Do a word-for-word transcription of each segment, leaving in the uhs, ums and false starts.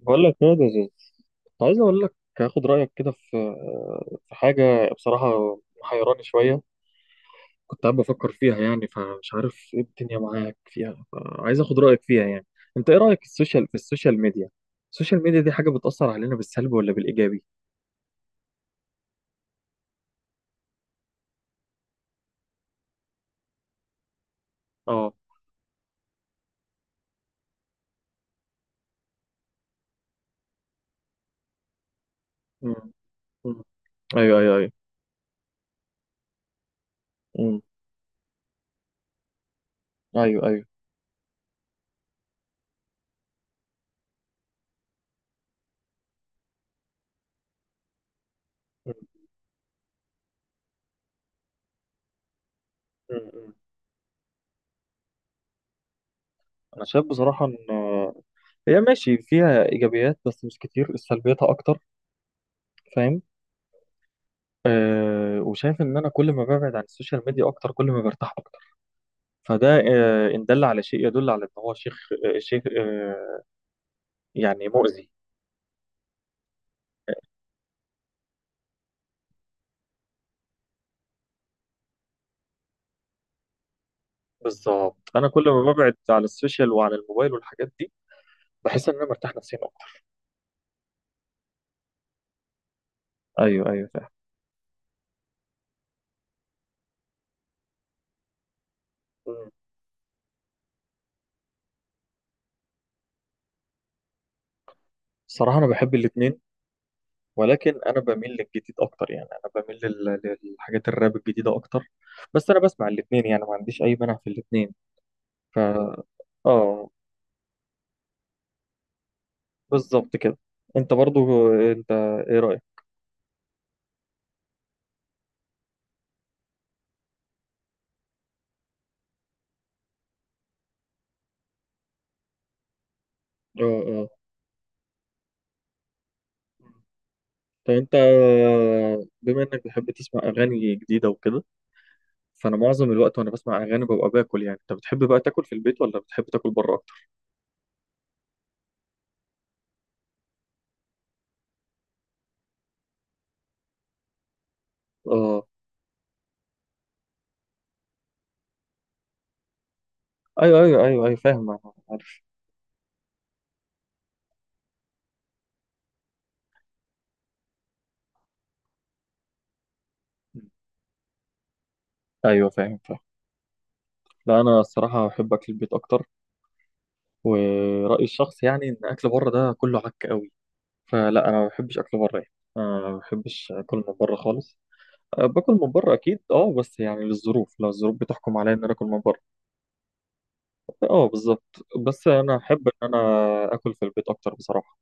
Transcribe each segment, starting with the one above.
بقول لك يا دزوز، عايز اقول لك، هاخد رايك كده في في حاجه بصراحه محيراني شويه. كنت قاعد بفكر فيها يعني، فمش عارف ايه الدنيا معاك فيها، عايز اخد رايك فيها يعني. انت ايه رايك في السوشيال، في السوشيال ميديا؟ السوشيال ميديا دي حاجه بتاثر علينا بالسلب ولا بالايجابي؟ اه. مم. مم. ايوه ايوه ايوه. مم. ايوه ايوه. مم. مم. مم. انا شايف بصراحه ان هي ماشي فيها ايجابيات بس مش كتير، سلبياتها اكتر. فاهم؟ أه، وشايف ان انا كل ما ببعد عن السوشيال ميديا اكتر كل ما برتاح اكتر. فده أه ان دل على شيء يدل على ان هو شيخ، أه شيخ أه، يعني مؤذي. بالظبط، انا كل ما ببعد عن السوشيال وعن الموبايل والحاجات دي بحس ان انا مرتاح نفسيا اكتر. ايوه ايوه فاهم. مم. الصراحه انا بحب الاثنين، ولكن انا بميل للجديد اكتر. يعني انا بميل لل- للحاجات الراب الجديده اكتر، بس انا بسمع الاثنين يعني ما عنديش اي مانع في الاثنين. ف اه، بالظبط كده. انت برضو آه، انت ايه رايك؟ اه اه. طب انت بما انك بتحب تسمع اغاني جديده وكده، فانا معظم الوقت وانا بسمع اغاني ببقى باكل، يعني انت بتحب بقى تاكل في البيت ولا بتحب تاكل بره اكتر؟ اه. ايوه ايوه ايوه ايوه فاهم أنا، عارف. ايوه فاهم فاهم. لا انا الصراحه بحب اكل البيت اكتر، ورايي الشخصي يعني ان اكل بره ده كله عك قوي، فلا انا ما بحبش اكل بره يعني. أنا ما بحبش اكل من بره خالص. أه، باكل من بره اكيد اه، بس يعني للظروف، لو الظروف بتحكم عليا ان انا اكل من بره. اه بالظبط، بس انا احب ان انا اكل في البيت اكتر بصراحه.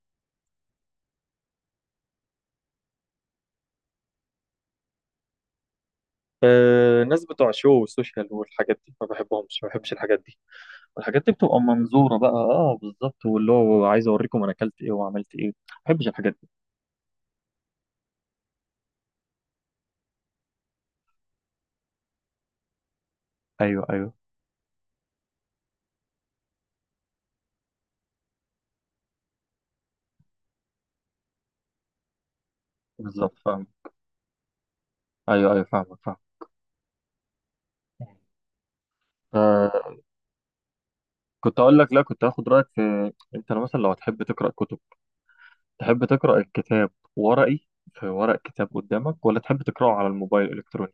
آه، الناس بتوع الشو والسوشيال والحاجات دي ما بحبهمش، ما بحبش الحاجات دي. الحاجات دي بتبقى منظوره بقى، اه بالظبط، واللي هو عايز اوريكم انا اكلت ايه وعملت ايه، ما بحبش الحاجات دي. ايوه ايوه. بالظبط فاهم. ايوه ايوه فاهمك فاهم. آه، كنت اقول لك لا، كنت هاخد رايك في انت لو مثلا لو هتحب تقرا كتب، تحب تقرا الكتاب ورقي، في ورق كتاب قدامك، ولا تحب تقراه على الموبايل الالكتروني؟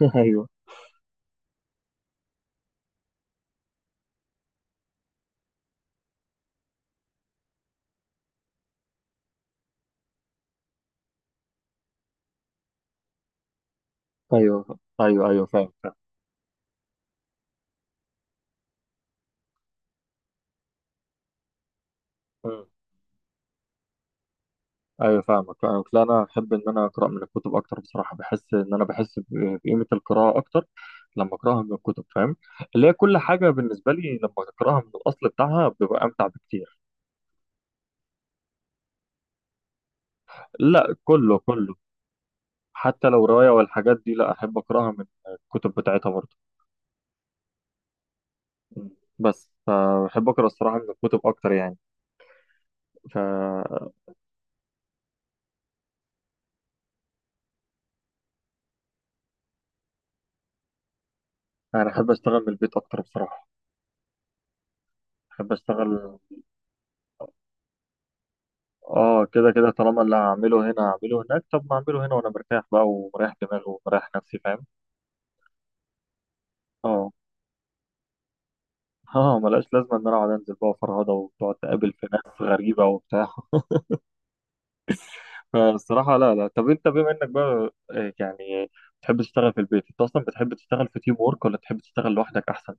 ايوه. ايوه ايوه ايوه فاهم فاهم. ايوه فاهمك فاهمك. لا انا احب ان انا اقرا من الكتب اكتر بصراحه. بحس ان انا بحس ب- بقيمه القراءه اكتر لما اقراها من الكتب، فاهم؟ اللي هي كل حاجه بالنسبه لي لما اقراها من الاصل بتاعها ببقى امتع بكتير. لا كله كله، حتى لو روايه والحاجات دي، لا، احب اقراها من الكتب بتاعتها برضه. بس فبحب اقرا الصراحه من الكتب اكتر يعني. فانا احب اشتغل من البيت اكتر بصراحه. احب اشتغل. اه كده كده، طالما اللي هعمله هنا هعمله هناك، طب ما اعمله هنا وانا مرتاح بقى ومريح دماغي ومريح نفسي، فاهم؟ اه. اه ملهاش لازمه ان انا اقعد انزل بقى فرهضه وتقعد تقابل في ناس غريبه وبتاع فالصراحه لا لا. طب انت بما انك بقى آه، يعني بتحب تشتغل في البيت، انت اصلا بتحب تشتغل في تيم وورك ولا تحب تشتغل لوحدك احسن؟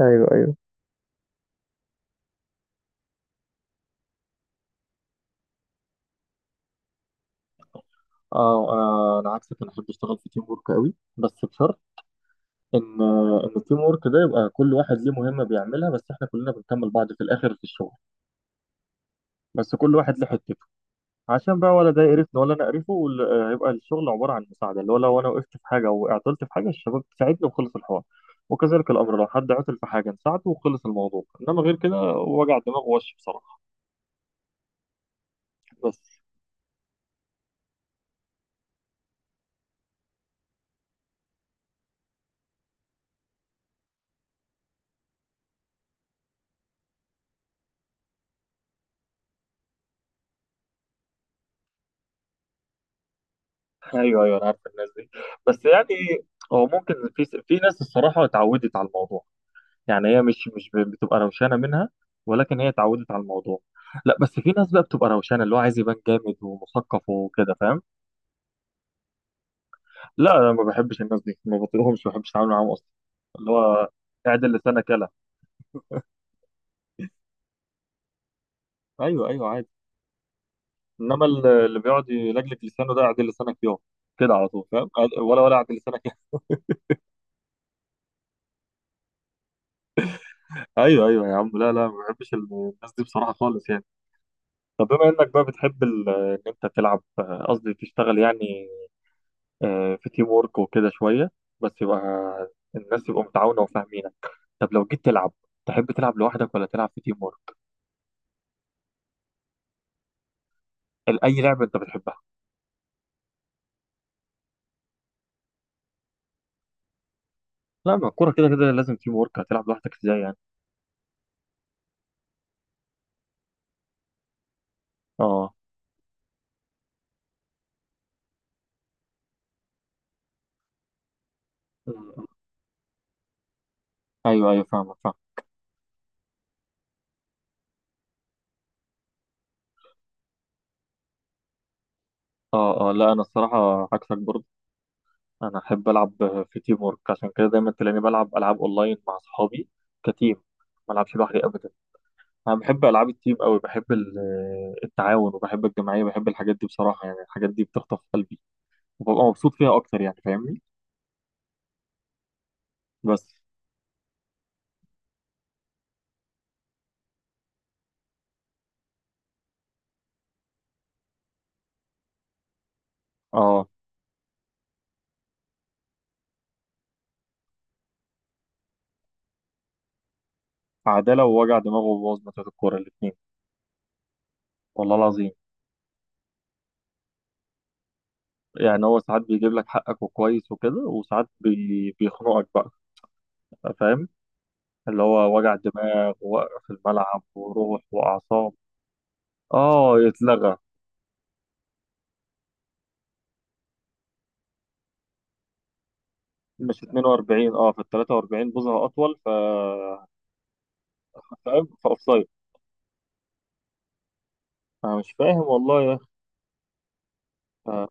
ايوه ايوه. اه، انا انا عكسك، انا احب اشتغل في تيم وورك قوي، بس بشرط ان ان التيم وورك ده يبقى كل واحد ليه مهمه بيعملها، بس احنا كلنا بنكمل بعض في الاخر في الشغل. بس كل واحد له حته، عشان بقى ولا ده يقرفنا ولا انا اقرفه، وال- هيبقى الشغل عباره عن مساعده، اللي هو لو انا وقفت في حاجه وعطلت في حاجه الشباب تساعدني وخلص الحوار، وكذلك الامر لو حد عطل في حاجه نساعده وخلص الموضوع، انما غير كده وجع دماغ وش بصراحه. بس. ايوه ايوه انا عارف الناس دي، بس يعني هو ممكن في في ناس الصراحه اتعودت على الموضوع، يعني هي مش مش ب- بتبقى روشانه منها، ولكن هي اتعودت على الموضوع. لا، بس في ناس بقى بتبقى روشانه، اللي هو عايز يبان جامد ومثقف وكده، فاهم؟ لا انا ما بحبش الناس دي، ما بطيقهمش، ما بحبش اتعامل معاهم اصلا. اللي هو اعدل لسانك يلا. ايوه ايوه عادي. انما ال- اللي بيقعد يلجلج لسانه ده اعدل لسانك يلا كده على طول، فاهم؟ أعد- ولا ولا اعدل لسانك يا. ايوه ايوه يا عم. لا لا ما بحبش ال- الناس دي بصراحه خالص يعني. طب بما انك بقى بتحب ال- ان انت تلعب، آه، قصدي تشتغل يعني، آه، في تيم وورك وكده شويه، بس يبقى الناس يبقوا متعاونه وفاهمينك. طب لو جيت تلعب، تحب تلعب لوحدك ولا تلعب في تيم وورك؟ ال- اي لعبه انت بتحبها. لا، ما الكورة كده كده لازم تيم ورك، هتلعب لوحدك ازاي يعني؟ اه. آه، ايوه ايوه فاهمك فاهم. اه اه. لا انا الصراحة عكسك برضه. انا احب العب في تيم ورك، عشان كده دايما تلاقيني بلعب العاب اونلاين مع اصحابي كتيم، ما العبش لوحدي ابدا. انا بحب العاب التيم قوي، بحب ال- آه، التعاون، وبحب الجماعية، بحب الحاجات دي بصراحة. يعني الحاجات دي بتخطف قلبي وببقى مبسوط فيها اكتر يعني، فاهمني؟ بس. اه. عدالة ووجع دماغ وبوظ ماتشات الكورة الاتنين، والله العظيم. يعني هو ساعات بيجيب لك حقك وكويس وكده، وساعات بي... بيخنقك بقى، فاهم؟ اللي هو وجع دماغ ووقف الملعب وروح وأعصاب. اه يتلغى. مش اتنين واربعين، اه في تلاته واربعين بوزة أطول، ف فاهم؟ فأوفسايد. أنا مش فاهم والله يا أخي. آه.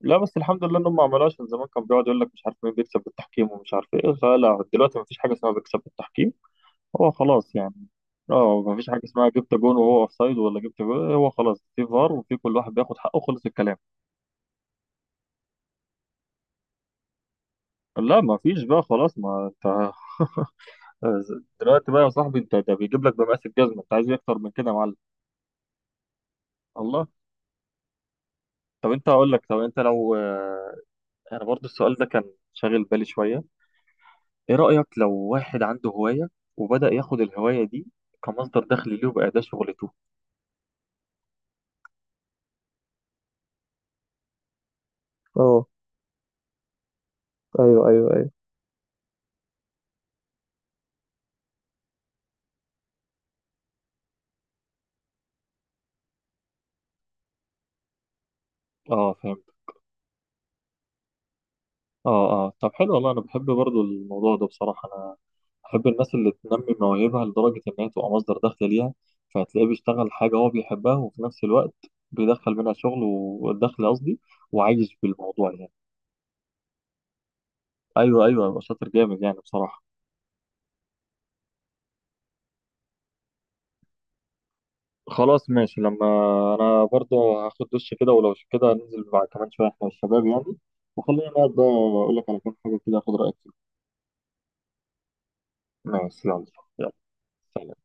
لا بس الحمد لله إنهم ما عملوهاش، من زمان كان بيقعد يقول لك مش عارف مين بيكسب بالتحكيم ومش عارف إيه، فلا دلوقتي مفيش حاجة اسمها بيكسب بالتحكيم، هو خلاص يعني. اه مفيش حاجه اسمها جبت جون وهو اوفسايد ولا جبت جون، هو خلاص في فار، وفي كل واحد بياخد حقه، خلص الكلام. لا مفيش بقى خلاص، ما انت آه، دلوقتي بقى يا صاحبي انت، ده بيجيب لك بمقاس الجزمه، انت عايز ايه اكتر من كده يا معلم؟ الله. طب انت هقول لك، طب انت لو آه، انا برضو السؤال ده كان شاغل بالي شويه. ايه رايك لو واحد عنده هوايه وبدا ياخد الهوايه دي كمصدر دخل ليه وبقى ده شغلته؟ اه. ايوه ايوه ايوه. اه اه اه. طب حلو والله، انا بحب برضو الموضوع ده بصراحه. انا بحب الناس اللي تنمي مواهبها لدرجه انها تبقى مصدر دخل ليها، فهتلاقيه بيشتغل حاجه هو بيحبها وفي نفس الوقت بيدخل منها شغل والدخل قصدي، وعايش بالموضوع يعني. ايوه ايوه هيبقى شاطر جامد يعني بصراحه. خلاص ماشي. لما انا برضو هاخد دش كده، ولو ش- كده ننزل بعد كمان شويه احنا والشباب يعني، وخلينا نقعد بقى اقول لك على كام حاجه كده اخد رايك فيها. ماشي يلا. يلا سلام.